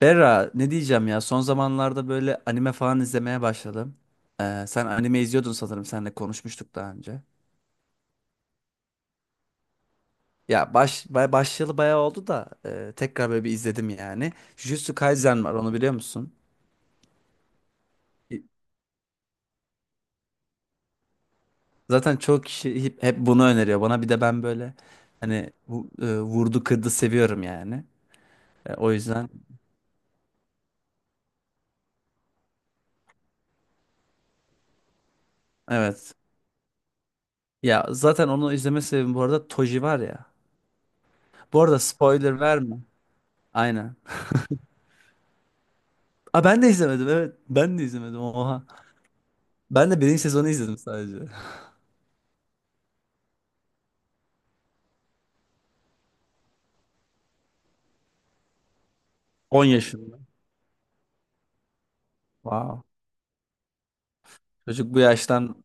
Berra ne diyeceğim ya, son zamanlarda böyle anime falan izlemeye başladım. Sen anime izliyordun sanırım, seninle konuşmuştuk daha önce. Başlayalı bayağı oldu da tekrar böyle bir izledim yani. Jujutsu Kaisen var, onu biliyor musun? E, Zaten çok kişi hep bunu öneriyor bana, bir de ben böyle hani vurdu kırdı seviyorum yani. O yüzden evet. Ya zaten onu izleme sebebim bu arada, Toji var ya. Bu arada spoiler verme. Aynen. Aa, ben de izlemedim evet. Ben de izlemedim, oha. Ben de birinci sezonu izledim sadece. 10 yaşında. Wow. Çocuk bu yaştan...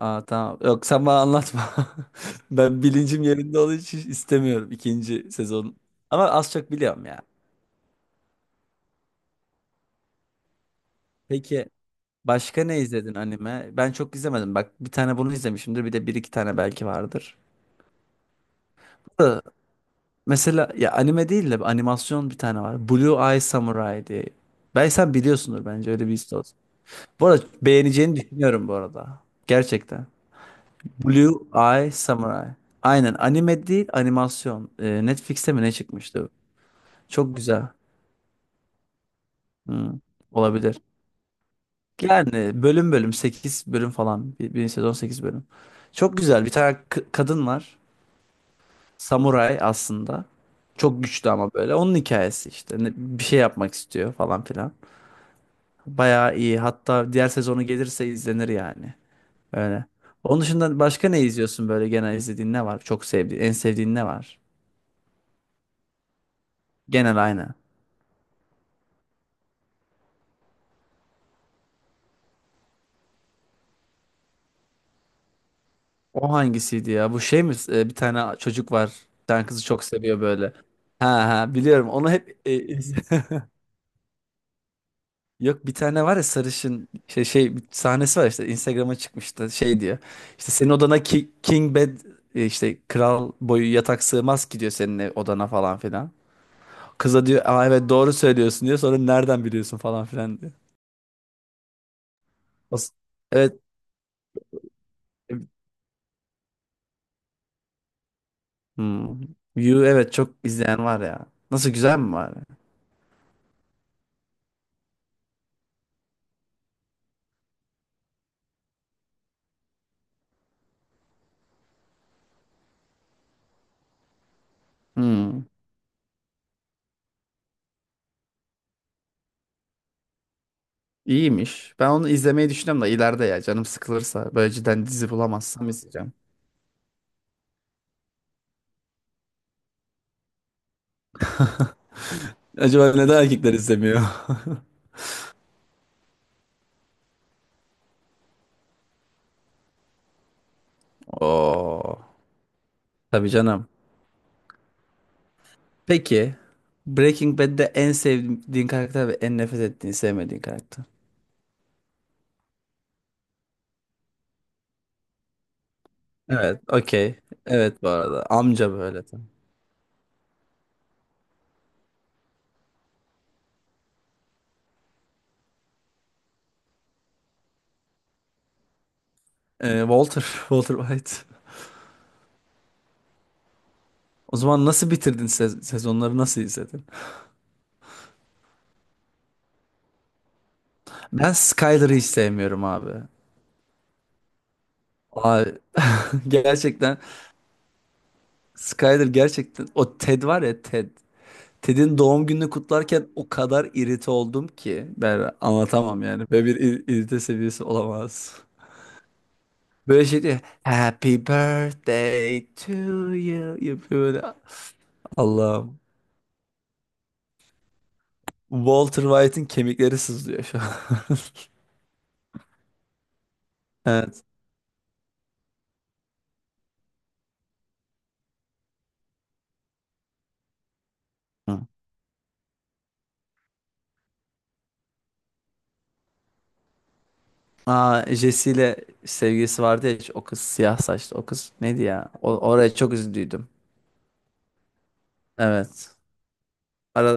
Aa, tamam. Yok, sen bana anlatma. Ben bilincim yerinde olduğu için istemiyorum ikinci sezon. Ama az çok biliyorum ya. Peki başka ne izledin anime? Ben çok izlemedim. Bak, bir tane bunu izlemişimdir. Bir de bir iki tane belki vardır. Da Mesela ya anime değil de animasyon bir tane var. Blue Eye Samurai diye. Ben sen biliyorsundur bence, öyle bir istaroz. Bu arada beğeneceğini düşünüyorum bu arada. Gerçekten. Blue Eye Samurai. Aynen, anime değil, animasyon. Netflix'te mi ne çıkmıştı? Çok güzel. Hı, olabilir. Yani bölüm bölüm 8 bölüm falan. Bir sezon 8 bölüm. Çok güzel bir tane kadın var. Samuray aslında. Çok güçlü ama böyle. Onun hikayesi işte. Bir şey yapmak istiyor falan filan. Bayağı iyi. Hatta diğer sezonu gelirse izlenir yani. Öyle. Onun dışında başka ne izliyorsun böyle, genel izlediğin ne var? Çok sevdiğin, en sevdiğin ne var? Genel aynı. O hangisiydi ya? Bu şey mi? Bir tane çocuk var. Bir tane kızı çok seviyor böyle. Ha ha, biliyorum. Onu hep Yok, bir tane var ya sarışın, şey şey bir sahnesi var, işte Instagram'a çıkmıştı, şey diyor. İşte senin odana ki, king bed, işte kral boyu yatak sığmaz ki diyor, senin odana falan filan. Kıza diyor, Aa, evet doğru söylüyorsun diyor. Sonra nereden biliyorsun falan filan diyor. As- Evet. Hmm. You, evet çok izleyen var ya. Nasıl, güzel mi var? Hmm. İyiymiş. Ben onu izlemeyi düşünüyorum da, ileride ya canım sıkılırsa böyle cidden dizi bulamazsam izleyeceğim. Acaba neden erkekler izlemiyor? Oo, tabii canım. Peki Breaking Bad'de en sevdiğin karakter ve en nefret ettiğin, sevmediğin karakter. Evet, okey. Evet bu arada amca böyle tam. Walter, Walter White. O zaman nasıl bitirdin sezonları, nasıl izledin? Ben Skyler'ı hiç sevmiyorum abi. Abi gerçekten, Skyler gerçekten, o Ted var ya, Ted. Ted'in doğum gününü kutlarken o kadar irite oldum ki ben anlatamam yani. Böyle bir irite seviyesi olamaz. Böyle şey diyor. Happy birthday to you. Yapıyor böyle. Allah'ım. Walter White'ın kemikleri sızlıyor şu an. Evet. Hı. Aa, Jesse ile sevgilisi vardı ya, o kız, siyah saçlı o kız neydi ya? O, oraya çok üzüldüydüm. Evet. Ara,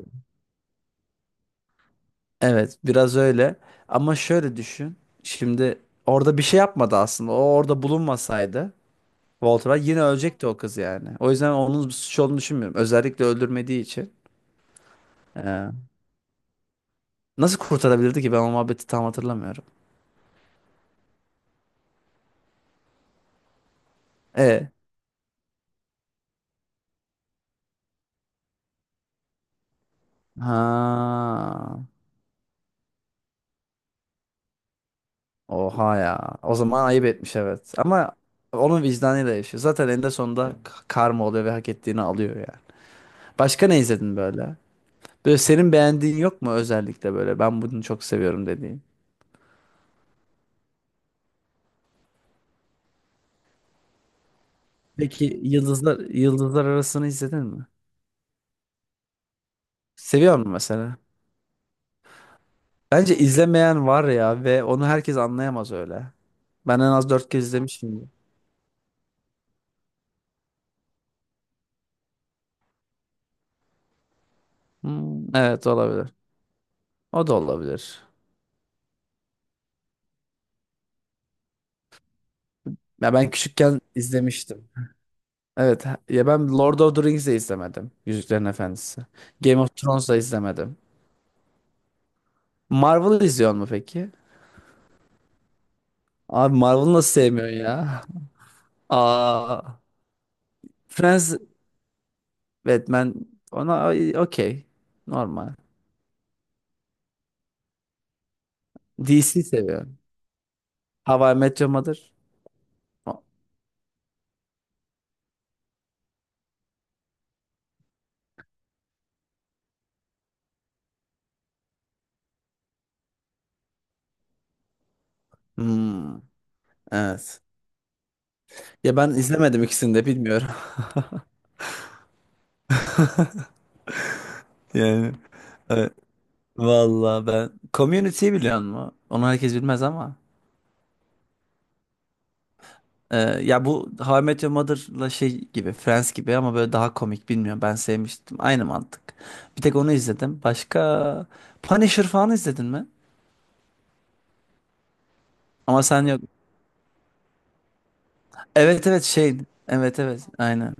evet, biraz öyle. Ama şöyle düşün. Şimdi orada bir şey yapmadı aslında. O orada bulunmasaydı Walter White yine ölecekti o kız yani. O yüzden onun suç olduğunu düşünmüyorum. Özellikle öldürmediği için. Ee, Nasıl kurtarabilirdi ki? Ben o muhabbeti tam hatırlamıyorum. E. Ha. Oha ya. O zaman ayıp etmiş, evet. Ama onun vicdanıyla yaşıyor. Zaten eninde sonunda karma oluyor ve hak ettiğini alıyor yani. Başka ne izledin böyle? Böyle senin beğendiğin yok mu özellikle böyle? Ben bunu çok seviyorum dediğin. Peki Yıldızlar Arası'nı izledin mi? Seviyor musun mesela? Bence izlemeyen var ya, ve onu herkes anlayamaz öyle. Ben en az dört kez izlemişim. Hmm, evet olabilir. O da olabilir. Ya ben küçükken izlemiştim. Evet ya, ben Lord of the Rings'i izlemedim. Yüzüklerin Efendisi. Game of Thrones'da izlemedim. Marvel'ı izliyor mu peki? Abi Marvel'ı nasıl sevmiyorsun ya? Aa, Friends, Batman, ona okey. Normal. DC seviyor. How I Met Your Mother. Hmm, evet. Ya ben izlemedim ikisini de, bilmiyorum. Yani evet. Vallahi ben Community'yi biliyor musun? Onu herkes bilmez ama. Ya bu How I Met Your Mother'la şey gibi, Friends gibi ama böyle daha komik, bilmiyorum. Ben sevmiştim. Aynı mantık. Bir tek onu izledim. Başka Punisher falan izledin mi? Ama sen yok. Evet evet şey. Evet evet aynen.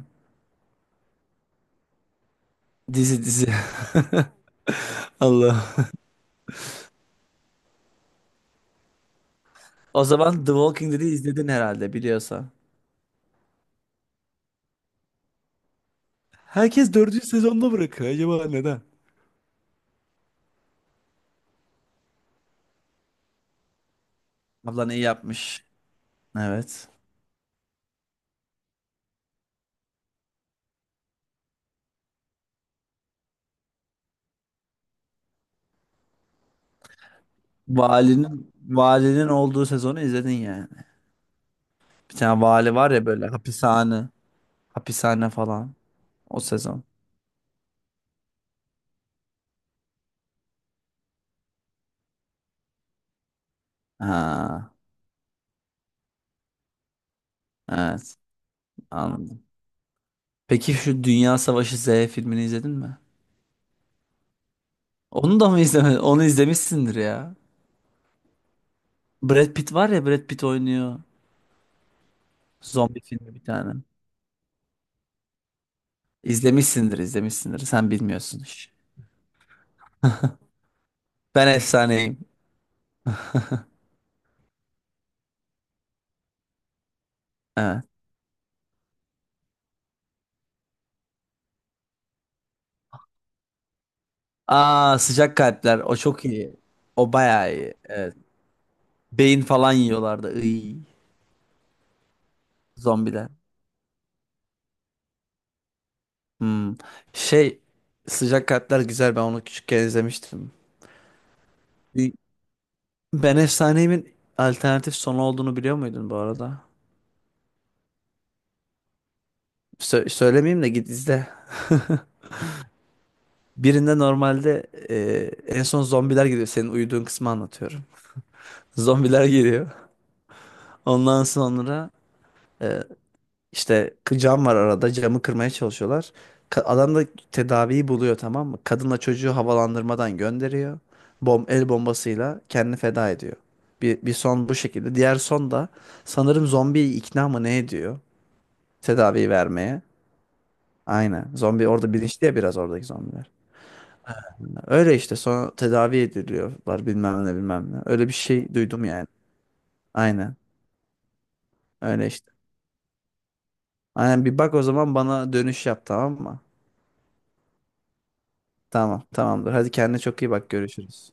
Dizi, dizi. Allah. O zaman The Walking Dead'i izledin herhalde, biliyorsan. Herkes dördüncü sezonda bırakıyor. Acaba neden? Ablan iyi yapmış. Evet. Valinin olduğu sezonu izledin yani. Bir tane vali var ya böyle, hapishane falan, o sezon. Ha, evet, anladım. Peki şu Dünya Savaşı Z filmini izledin mi? Onu da mı izlemedin? Onu izlemişsindir ya. Brad Pitt var ya, Brad Pitt oynuyor. Zombi filmi bir tane. İzlemişsindir, izlemişsindir. Sen bilmiyorsun hiç. Ben efsaneyim. Evet. Aa, sıcak kalpler, o çok iyi. O bayağı iyi. Evet. Beyin falan yiyorlardı. Iy, zombiler. Hmm. Şey, sıcak kalpler güzel, ben onu küçükken izlemiştim. Bir- Ben Efsaneyimin alternatif sonu olduğunu biliyor muydun bu arada? Söylemeyeyim de git izle. Birinde normalde en son zombiler geliyor. Senin uyuduğun kısmı anlatıyorum. Zombiler geliyor. Ondan sonra e, İşte cam var arada, camı kırmaya çalışıyorlar. Adam da tedaviyi buluyor tamam mı? Kadınla çocuğu havalandırmadan gönderiyor. Bom, el bombasıyla kendini feda ediyor. Bir son bu şekilde. Diğer son da sanırım zombiyi ikna mı ne ediyor? Tedaviyi vermeye. Aynen. Zombi orada bilinçli ya biraz, oradaki zombiler. Öyle işte, sonra tedavi ediliyorlar bilmem ne bilmem ne. Öyle bir şey duydum yani. Aynen. Öyle işte. Aynen, bir bak o zaman, bana dönüş yap tamam mı? Tamam, tamamdır. Hadi kendine çok iyi bak. Görüşürüz.